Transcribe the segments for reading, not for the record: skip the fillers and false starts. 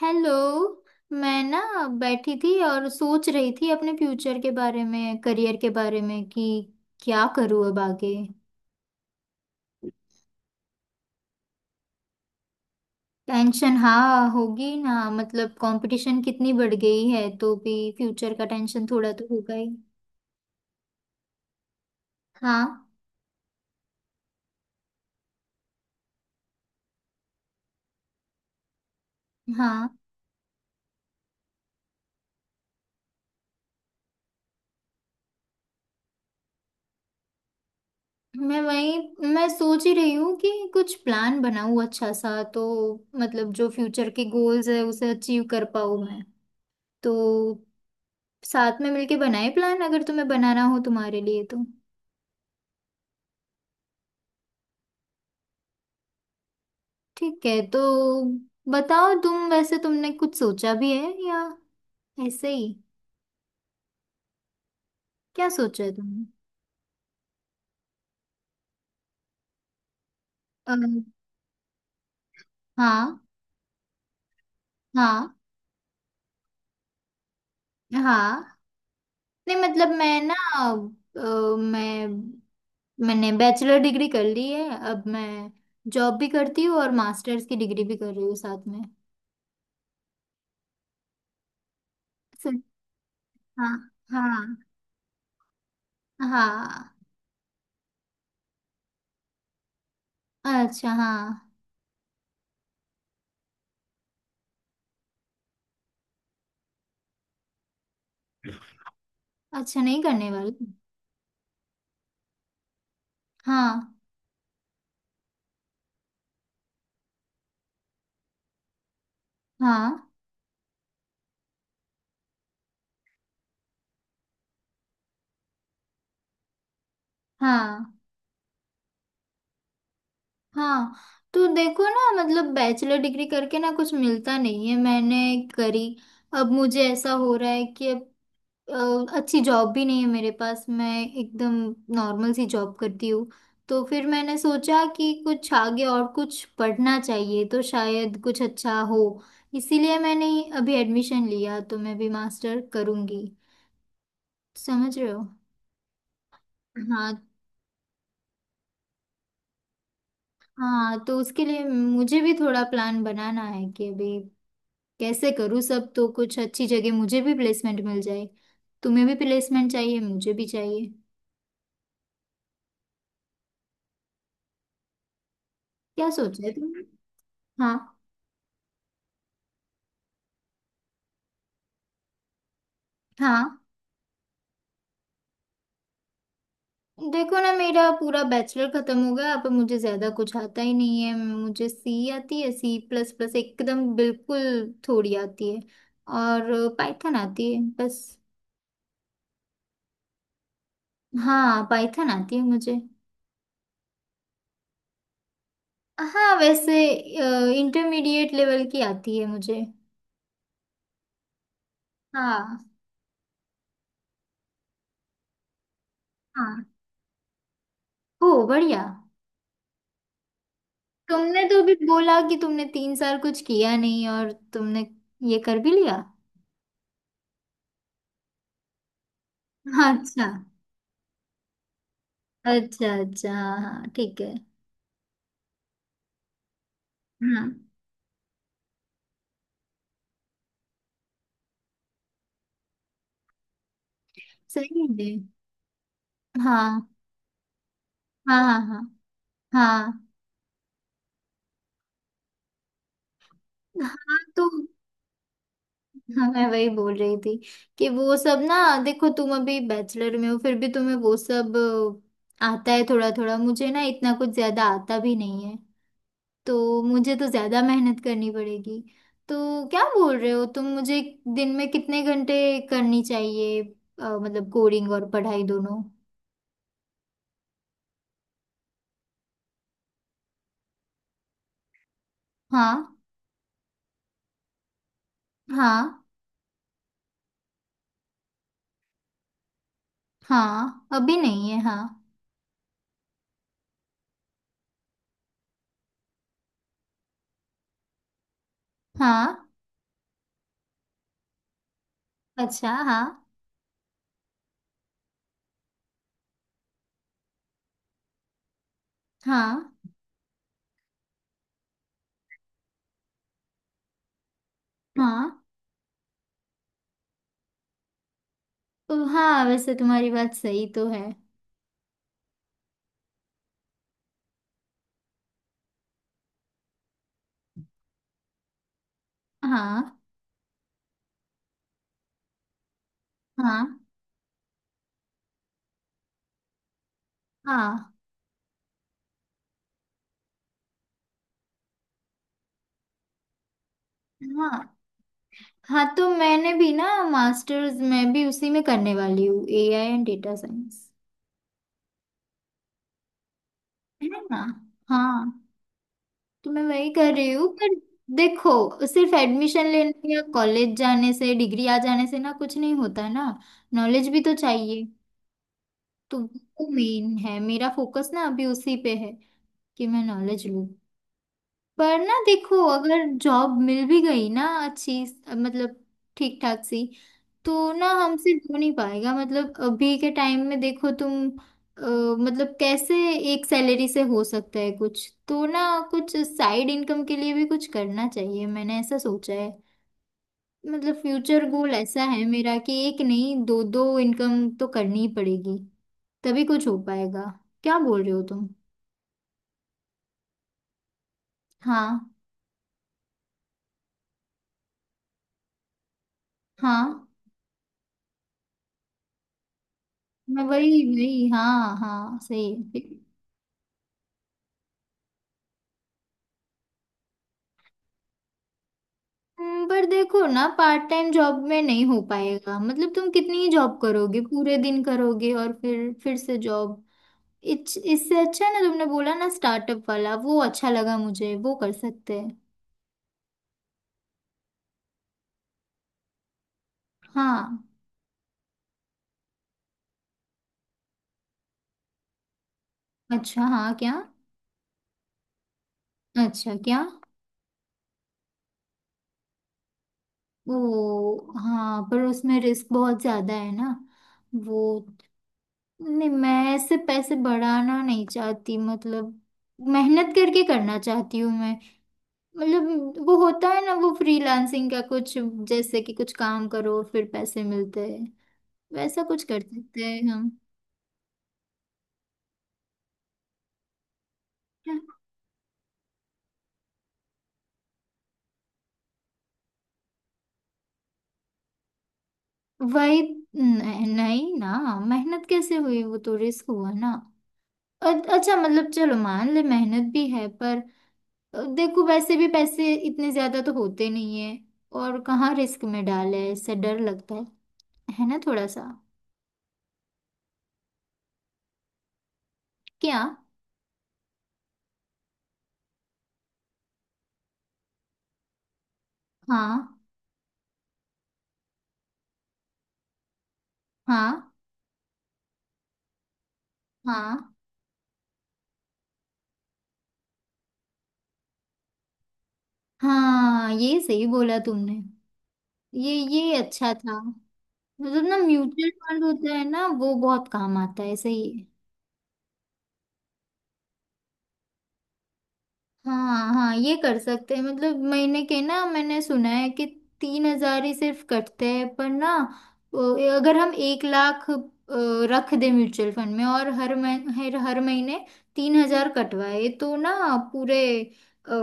Hello. मैं ना, बैठी थी और सोच रही थी अपने फ्यूचर के बारे में, करियर के बारे में, कि क्या करूँ अब आगे। टेंशन हाँ होगी ना, मतलब कंपटीशन कितनी बढ़ गई है तो भी फ्यूचर का टेंशन थोड़ा तो होगा ही। हाँ, हाँ। मैं वही, मैं सोच ही रही हूँ कि कुछ प्लान बनाऊँ अच्छा सा, तो मतलब जो फ्यूचर के गोल्स है उसे अचीव कर पाऊँ मैं। तो साथ में मिलके बनाए प्लान अगर तुम्हें बनाना हो, तुम्हारे लिए तो। ठीक है। तो बताओ तुम, वैसे तुमने कुछ सोचा भी है या ऐसे ही? क्या सोचा है तुमने? अम, हाँ, हाँ, हाँ। नहीं मतलब मैं ना, अ, मैं मैंने बैचलर डिग्री कर ली है, अब मैं जॉब भी करती हूँ और मास्टर्स की डिग्री भी कर रही हूँ साथ में। सर, हाँ, हाँ, हाँ। अच्छा हाँ। अच्छा नहीं करने वाली। हाँ, हाँ, हाँ, हाँ। तो देखो ना, मतलब बैचलर डिग्री करके ना कुछ मिलता नहीं है, मैंने करी। अब मुझे ऐसा हो रहा है कि अब अच्छी जॉब भी नहीं है मेरे पास, मैं एकदम नॉर्मल सी जॉब करती हूँ। तो फिर मैंने सोचा कि कुछ आगे और कुछ पढ़ना चाहिए तो शायद कुछ अच्छा हो। इसीलिए मैंने अभी एडमिशन लिया, तो मैं भी मास्टर करूँगी। समझ रहे हो? हाँ। हाँ तो उसके लिए मुझे भी थोड़ा प्लान बनाना है कि अभी कैसे करूँ सब, तो कुछ अच्छी जगह मुझे भी प्लेसमेंट मिल जाए। तुम्हें भी प्लेसमेंट चाहिए, मुझे भी चाहिए। क्या सोचा है तुमने? हाँ। हाँ देखो ना, मेरा पूरा बैचलर खत्म हो गया, अब मुझे ज्यादा कुछ आता ही नहीं है। मुझे सी आती है, सी प्लस प्लस एकदम बिल्कुल थोड़ी आती है, और पाइथन आती है बस। हाँ, पाइथन आती है मुझे। हाँ वैसे इंटरमीडिएट लेवल की आती है मुझे। हाँ। हाँ, ओ बढ़िया। तुमने तो अभी बोला कि तुमने 3 साल कुछ किया नहीं और तुमने ये कर भी लिया। हाँ, अच्छा। अच्छा अच्छा, हाँ, हाँ, ठीक है। हाँ सही है। हाँ, हाँ, हाँ, हाँ, हाँ, हाँ। तो हाँ, मैं वही बोल रही थी कि वो सब ना, देखो तुम अभी बैचलर में हो फिर भी तुम्हें वो सब आता है थोड़ा थोड़ा, मुझे ना इतना कुछ ज्यादा आता भी नहीं है, तो मुझे तो ज्यादा मेहनत करनी पड़ेगी। तो क्या बोल रहे हो तुम मुझे? दिन में कितने घंटे करनी चाहिए, मतलब कोडिंग और पढ़ाई दोनों? हाँ, हाँ, हाँ। अभी नहीं है, हाँ। हाँ, अच्छा हाँ, हाँ, हाँ। तो हाँ वैसे तुम्हारी बात सही तो है। हाँ, हाँ, हाँ, हाँ, हाँ। तो मैंने भी ना मास्टर्स मैं भी उसी में करने वाली हूँ, एआई एंड डेटा साइंस। है ना। हाँ, तो मैं वही कर रही हूँ पर देखो सिर्फ एडमिशन लेने या कॉलेज जाने से, डिग्री आ जाने से ना कुछ नहीं होता ना, नॉलेज भी तो चाहिए। तो वो मेन है, मेरा फोकस ना अभी उसी पे है कि मैं नॉलेज लूँ। पर ना देखो, अगर जॉब मिल भी गई ना अच्छी, मतलब ठीक ठाक सी, तो ना हमसे हो नहीं पाएगा, मतलब अभी के टाइम में। देखो तुम, मतलब कैसे एक सैलरी से हो सकता है कुछ तो ना। कुछ साइड इनकम के लिए भी कुछ करना चाहिए, मैंने ऐसा सोचा है। मतलब फ्यूचर गोल ऐसा है मेरा कि एक नहीं, दो दो इनकम तो करनी ही पड़ेगी, तभी कुछ हो पाएगा। क्या बोल रहे हो तुम? हाँ, हाँ। मैं वही वही, हाँ, हाँ, सही है ठीक। पर देखो ना, पार्ट टाइम जॉब में नहीं हो पाएगा, मतलब तुम कितनी ही जॉब करोगे, पूरे दिन करोगे और फिर से जॉब, इससे अच्छा है ना, तुमने बोला ना स्टार्टअप वाला, वो अच्छा लगा मुझे, वो कर सकते हैं। हाँ। अच्छा हाँ क्या? अच्छा क्या? ओ हाँ, पर उसमें रिस्क बहुत ज्यादा है ना वो। नहीं मैं ऐसे पैसे बढ़ाना नहीं चाहती, मतलब मेहनत करके करना चाहती हूँ मैं। मतलब वो होता है ना वो फ्रीलांसिंग का कुछ, जैसे कि कुछ काम करो फिर पैसे मिलते हैं, वैसा कुछ कर सकते हैं हम। वही, नहीं, नहीं ना, मेहनत कैसे हुई? वो तो रिस्क हुआ ना। अ- अच्छा मतलब, चलो मान ले मेहनत भी है, पर देखो वैसे भी पैसे इतने ज्यादा तो होते नहीं है, और कहाँ रिस्क में डाले, इससे डर लगता है ना थोड़ा सा। क्या? हाँ। हाँ, हाँ, हाँ, ये सही बोला तुमने, ये अच्छा था। मतलब ना म्यूचुअल फंड होता है ना, वो बहुत काम आता है सही है। हाँ, हाँ। ये कर सकते हैं, मतलब महीने के ना मैंने सुना है कि 3,000 ही सिर्फ कटते हैं, पर ना अ, अगर हम एक लाख रख दे म्यूचुअल फंड में, और हर मह, हर हर महीने 3,000 कटवाए, तो ना पूरे, अ,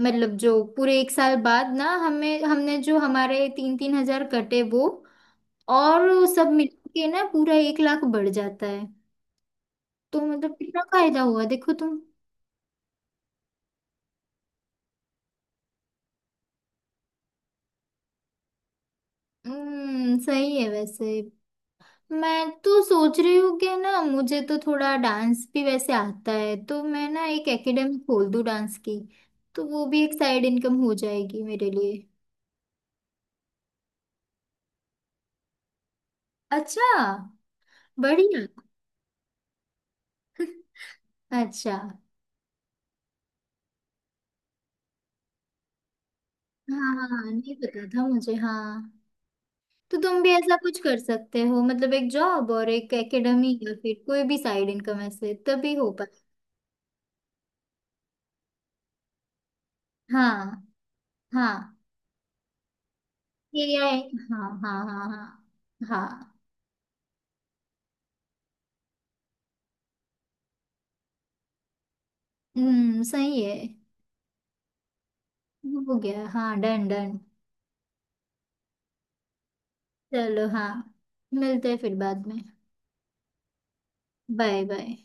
मतलब जो पूरे एक साल बाद ना हमें हमने जो हमारे तीन तीन हजार कटे वो और सब मिलके के ना पूरा 1 लाख बढ़ जाता है। तो मतलब कितना फायदा हुआ देखो तुम। सही है वैसे। मैं तो सोच रही हूँ कि ना मुझे तो थोड़ा डांस भी वैसे आता है, तो मैं ना एक एकेडमी खोल दूँ डांस की। तो वो भी एक साइड इनकम हो जाएगी मेरे लिए। अच्छा बढ़िया। अच्छा हाँ। हाँ, हाँ, नहीं पता था मुझे। हाँ, तो तुम भी ऐसा कुछ कर सकते हो, मतलब एक जॉब और एक एकेडमी या फिर कोई भी साइड इनकम, ऐसे तभी हो। हाँ, हाँ। ये गया है, हाँ, हाँ, हाँ, हाँ, हाँ। सही है। हो गया हाँ डन डन। चलो हाँ, मिलते हैं फिर बाद में। Bye bye.